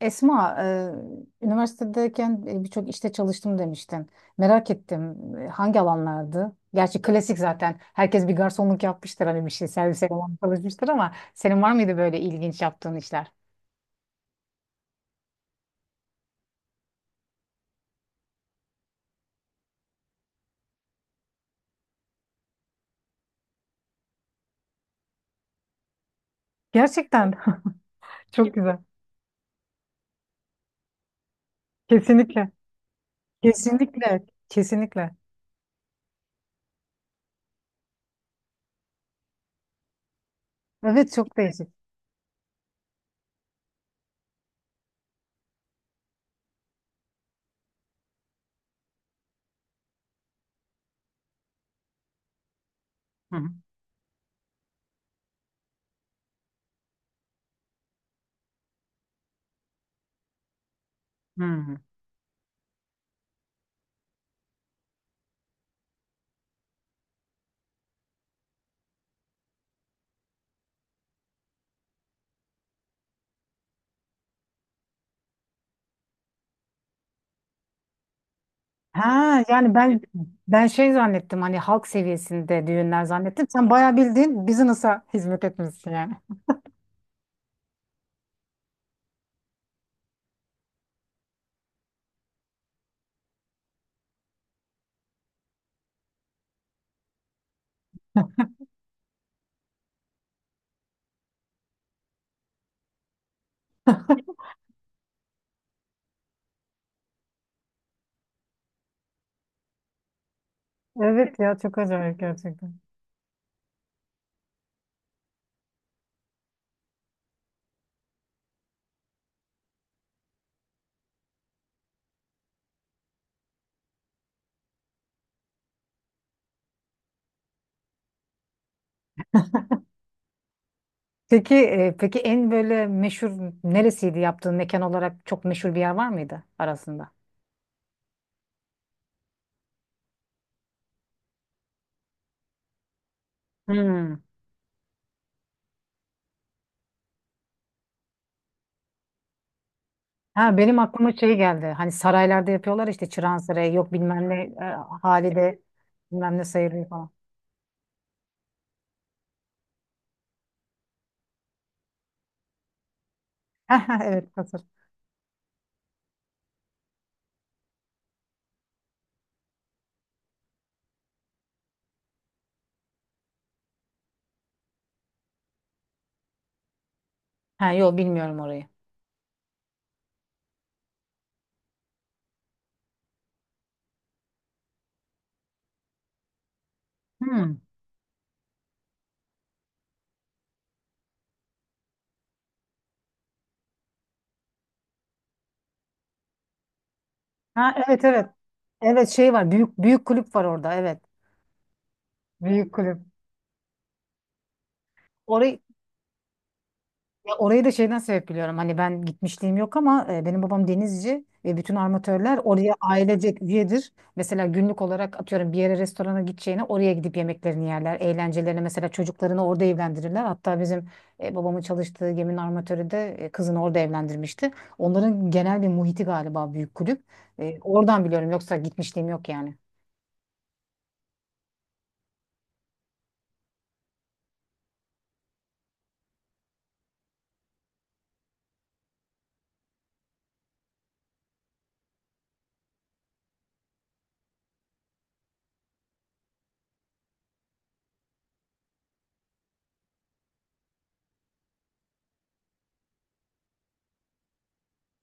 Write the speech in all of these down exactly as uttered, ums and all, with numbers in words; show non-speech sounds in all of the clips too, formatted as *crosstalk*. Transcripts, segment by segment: Esma, e, üniversitedeyken e, birçok işte çalıştım demiştin. Merak ettim e, hangi alanlardı? Gerçi klasik zaten. Herkes bir garsonluk yapmıştır, hani bir şey servise falan çalışmıştır, ama senin var mıydı böyle ilginç yaptığın işler? Gerçekten *laughs* çok güzel. Kesinlikle. Kesinlikle. Kesinlikle. Evet, çok değişik. Hı hı. Hı. Ha yani ben ben şey zannettim, hani halk seviyesinde düğünler zannettim. Sen bayağı bildiğin business'a hizmet etmişsin yani. Evet ya, çok acayip gerçekten. Peki, e, peki en böyle meşhur neresiydi yaptığın mekan olarak? Çok meşhur bir yer var mıydı arasında? Hmm. Ha, benim aklıma şey geldi. Hani saraylarda yapıyorlar, işte Çırağan Sarayı, yok bilmem ne, e, Halide bilmem ne sayılıyor falan. *laughs* Ha, ha, evet hazır. Ha yok, bilmiyorum orayı. Hmm. Ha evet evet. Evet şey var. Büyük büyük kulüp var orada. Evet. Büyük kulüp. Orayı Ya, orayı da şeyden sebep biliyorum. Hani ben gitmişliğim yok, ama e, benim babam denizci ve bütün armatörler oraya ailecek üyedir. Mesela günlük olarak atıyorum, bir yere restorana gideceğine oraya gidip yemeklerini yerler. Eğlencelerini, mesela çocuklarını orada evlendirirler. Hatta bizim e, babamın çalıştığı geminin armatörü de e, kızını orada evlendirmişti. Onların genel bir muhiti galiba büyük kulüp. E, oradan biliyorum, yoksa gitmişliğim yok yani.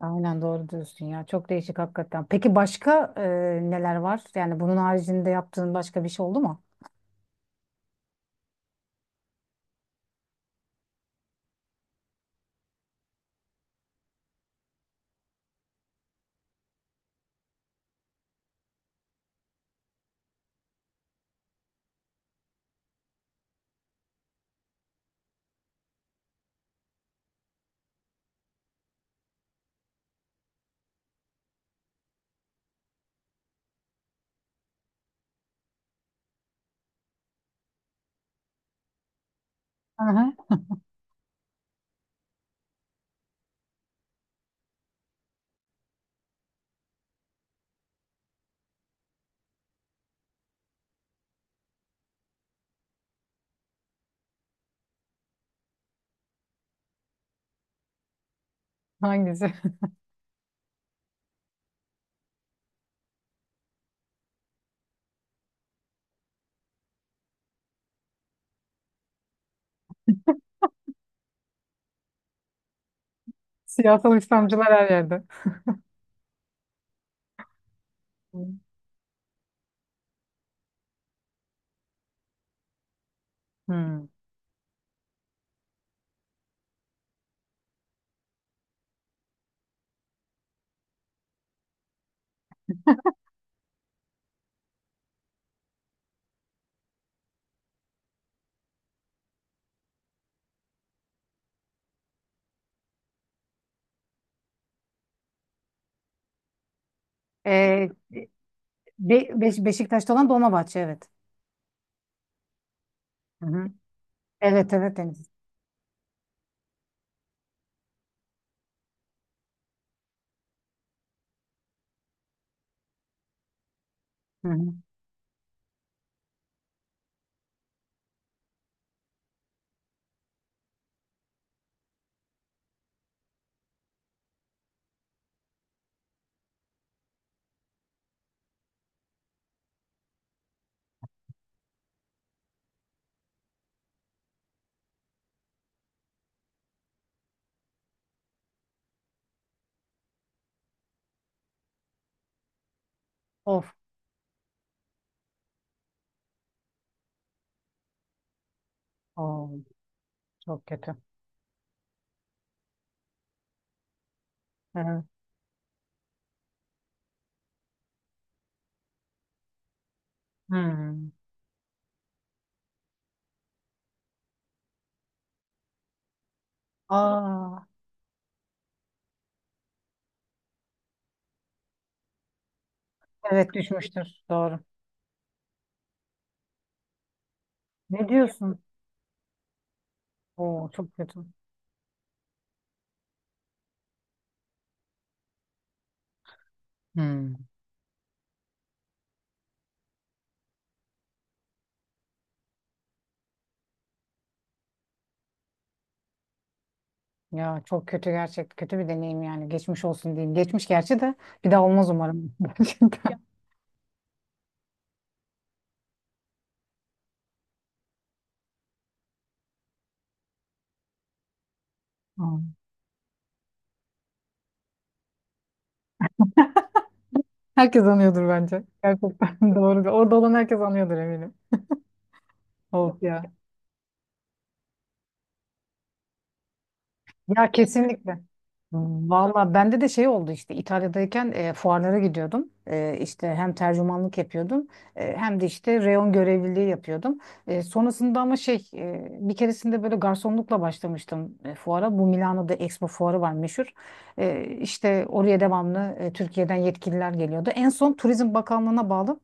Aynen, doğru diyorsun ya. Çok değişik hakikaten. Peki başka e, neler var? Yani bunun haricinde yaptığın başka bir şey oldu mu? Hı hı. Hangisi? *laughs* Siyasal İslamcılar her yerde. Hmm. Ee, Be- Beş- Beşiktaş'ta olan Dolmabahçe, evet. Hı hı. Evet evet, Deniz. Hı hı. Of. Oo, çok kötü. Evet. Hmm. Aa, evet düşmüştür. Doğru. Ne diyorsun? Oo, çok kötü. Hmm. Ya çok kötü gerçek. Kötü bir deneyim yani. Geçmiş olsun diyeyim. Geçmiş gerçi, de bir daha olmaz umarım. *laughs* Gerçekten. Aa. Herkes anıyordur bence. Gerçekten *laughs* doğru. Orada olan herkes anıyordur eminim. Of ya. Ya kesinlikle. Valla bende de şey oldu, işte İtalya'dayken e, fuarlara gidiyordum. E, işte hem tercümanlık yapıyordum, e, hem de işte reyon görevliliği yapıyordum. E, sonrasında ama şey, e, bir keresinde böyle garsonlukla başlamıştım e, fuara. Bu Milano'da Expo fuarı var, meşhur. E, işte oraya devamlı e, Türkiye'den yetkililer geliyordu. En son Turizm Bakanlığı'na bağlı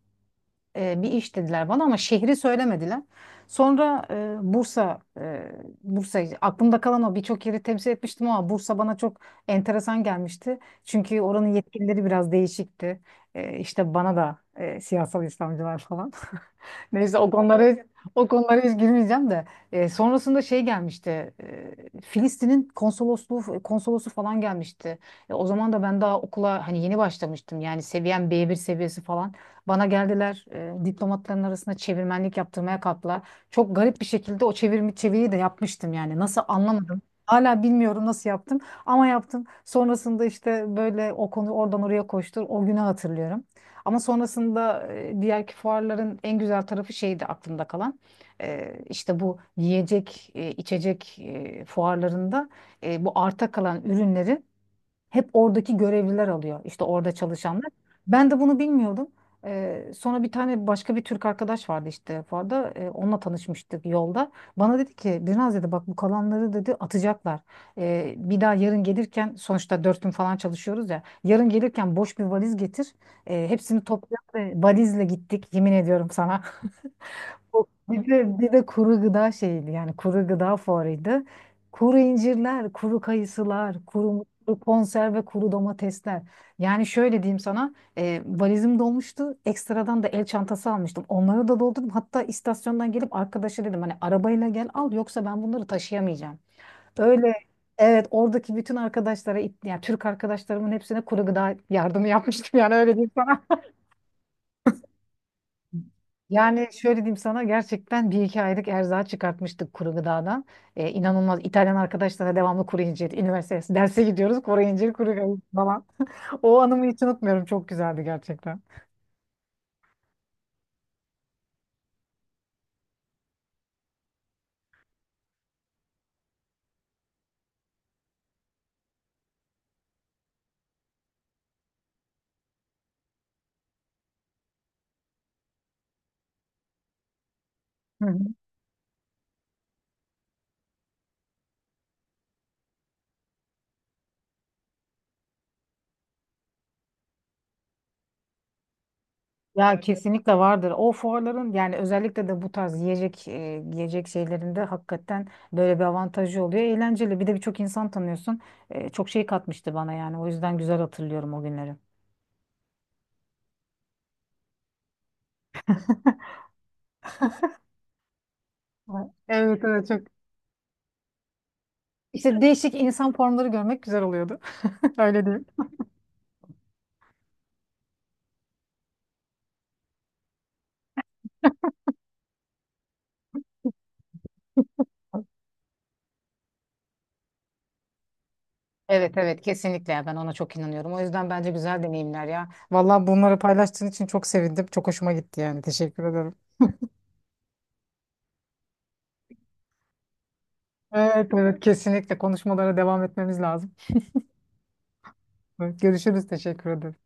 e, bir iş dediler bana, ama şehri söylemediler. Sonra e, Bursa, e, Bursa aklımda kalan, o birçok yeri temsil etmiştim ama Bursa bana çok enteresan gelmişti. Çünkü oranın yetkilileri biraz değişikti. E, işte bana da e, siyasal İslamcılar falan. Neyse, o konulara hiç, o konulara hiç girmeyeceğim de. E, sonrasında şey gelmişti, e, Filistin'in konsolosluğu konsolosu falan gelmişti. E, o zaman da ben daha okula hani yeni başlamıştım, yani seviyem B bir seviyesi falan. Bana geldiler, e, diplomatların arasında çevirmenlik yaptırmaya kalktılar. Çok garip bir şekilde o çevirimi çeviriyi de yapmıştım, yani nasıl anlamadım. Hala bilmiyorum nasıl yaptım ama yaptım. Sonrasında işte böyle, o konu oradan oraya koştur. O günü hatırlıyorum. Ama sonrasında e, diğerki fuarların en güzel tarafı şeydi aklımda kalan. E, işte bu yiyecek, e, içecek e, fuarlarında e, bu arta kalan ürünlerin hep oradaki görevliler alıyor, işte orada çalışanlar. Ben de bunu bilmiyordum. Ee, sonra bir tane başka bir Türk arkadaş vardı işte Fuar'da. Ee, onunla tanışmıştık yolda. Bana dedi ki, "Birnaz," dedi, "bak bu kalanları," dedi, "atacaklar. Ee, bir daha yarın gelirken, sonuçta dört gün falan çalışıyoruz ya, yarın gelirken boş bir valiz getir. Ee, hepsini topla." Ve valizle gittik, yemin ediyorum sana. Bir de, bir de kuru gıda şeydi, yani kuru gıda fuarıydı. Kuru incirler, kuru kayısılar, kuru, mutlu konserve, kuru domatesler. Yani şöyle diyeyim sana, e, valizim dolmuştu. Ekstradan da el çantası almıştım. Onları da doldurdum. Hatta istasyondan gelip arkadaşa dedim, hani arabayla gel al, yoksa ben bunları taşıyamayacağım. Öyle, evet, oradaki bütün arkadaşlara, yani Türk arkadaşlarımın hepsine kuru gıda yardımı yapmıştım, yani öyle diyeyim sana. Yani şöyle diyeyim sana, gerçekten bir iki aylık erzağı çıkartmıştık kuru gıdadan. Ee, inanılmaz İtalyan arkadaşlara devamlı kuru incir, *laughs* üniversitesi, derse gidiyoruz kuru incir, kuru gıda falan. *laughs* O anımı hiç unutmuyorum, çok güzeldi gerçekten. Hı hı. Ya kesinlikle vardır. O fuarların, yani özellikle de bu tarz yiyecek, e, yiyecek şeylerinde hakikaten böyle bir avantajı oluyor. Eğlenceli. Bir de birçok insan tanıyorsun. E, çok şey katmıştı bana yani. O yüzden güzel hatırlıyorum o günleri. Evet evet, çok. İşte değişik insan formları görmek güzel oluyordu. *laughs* Öyle değil. Evet evet, kesinlikle ya, ben ona çok inanıyorum. O yüzden bence güzel deneyimler ya. Vallahi bunları paylaştığın için çok sevindim. Çok hoşuma gitti yani. Teşekkür ederim. Evet evet, kesinlikle, konuşmalara devam etmemiz lazım. Evet, görüşürüz. Teşekkür ederim.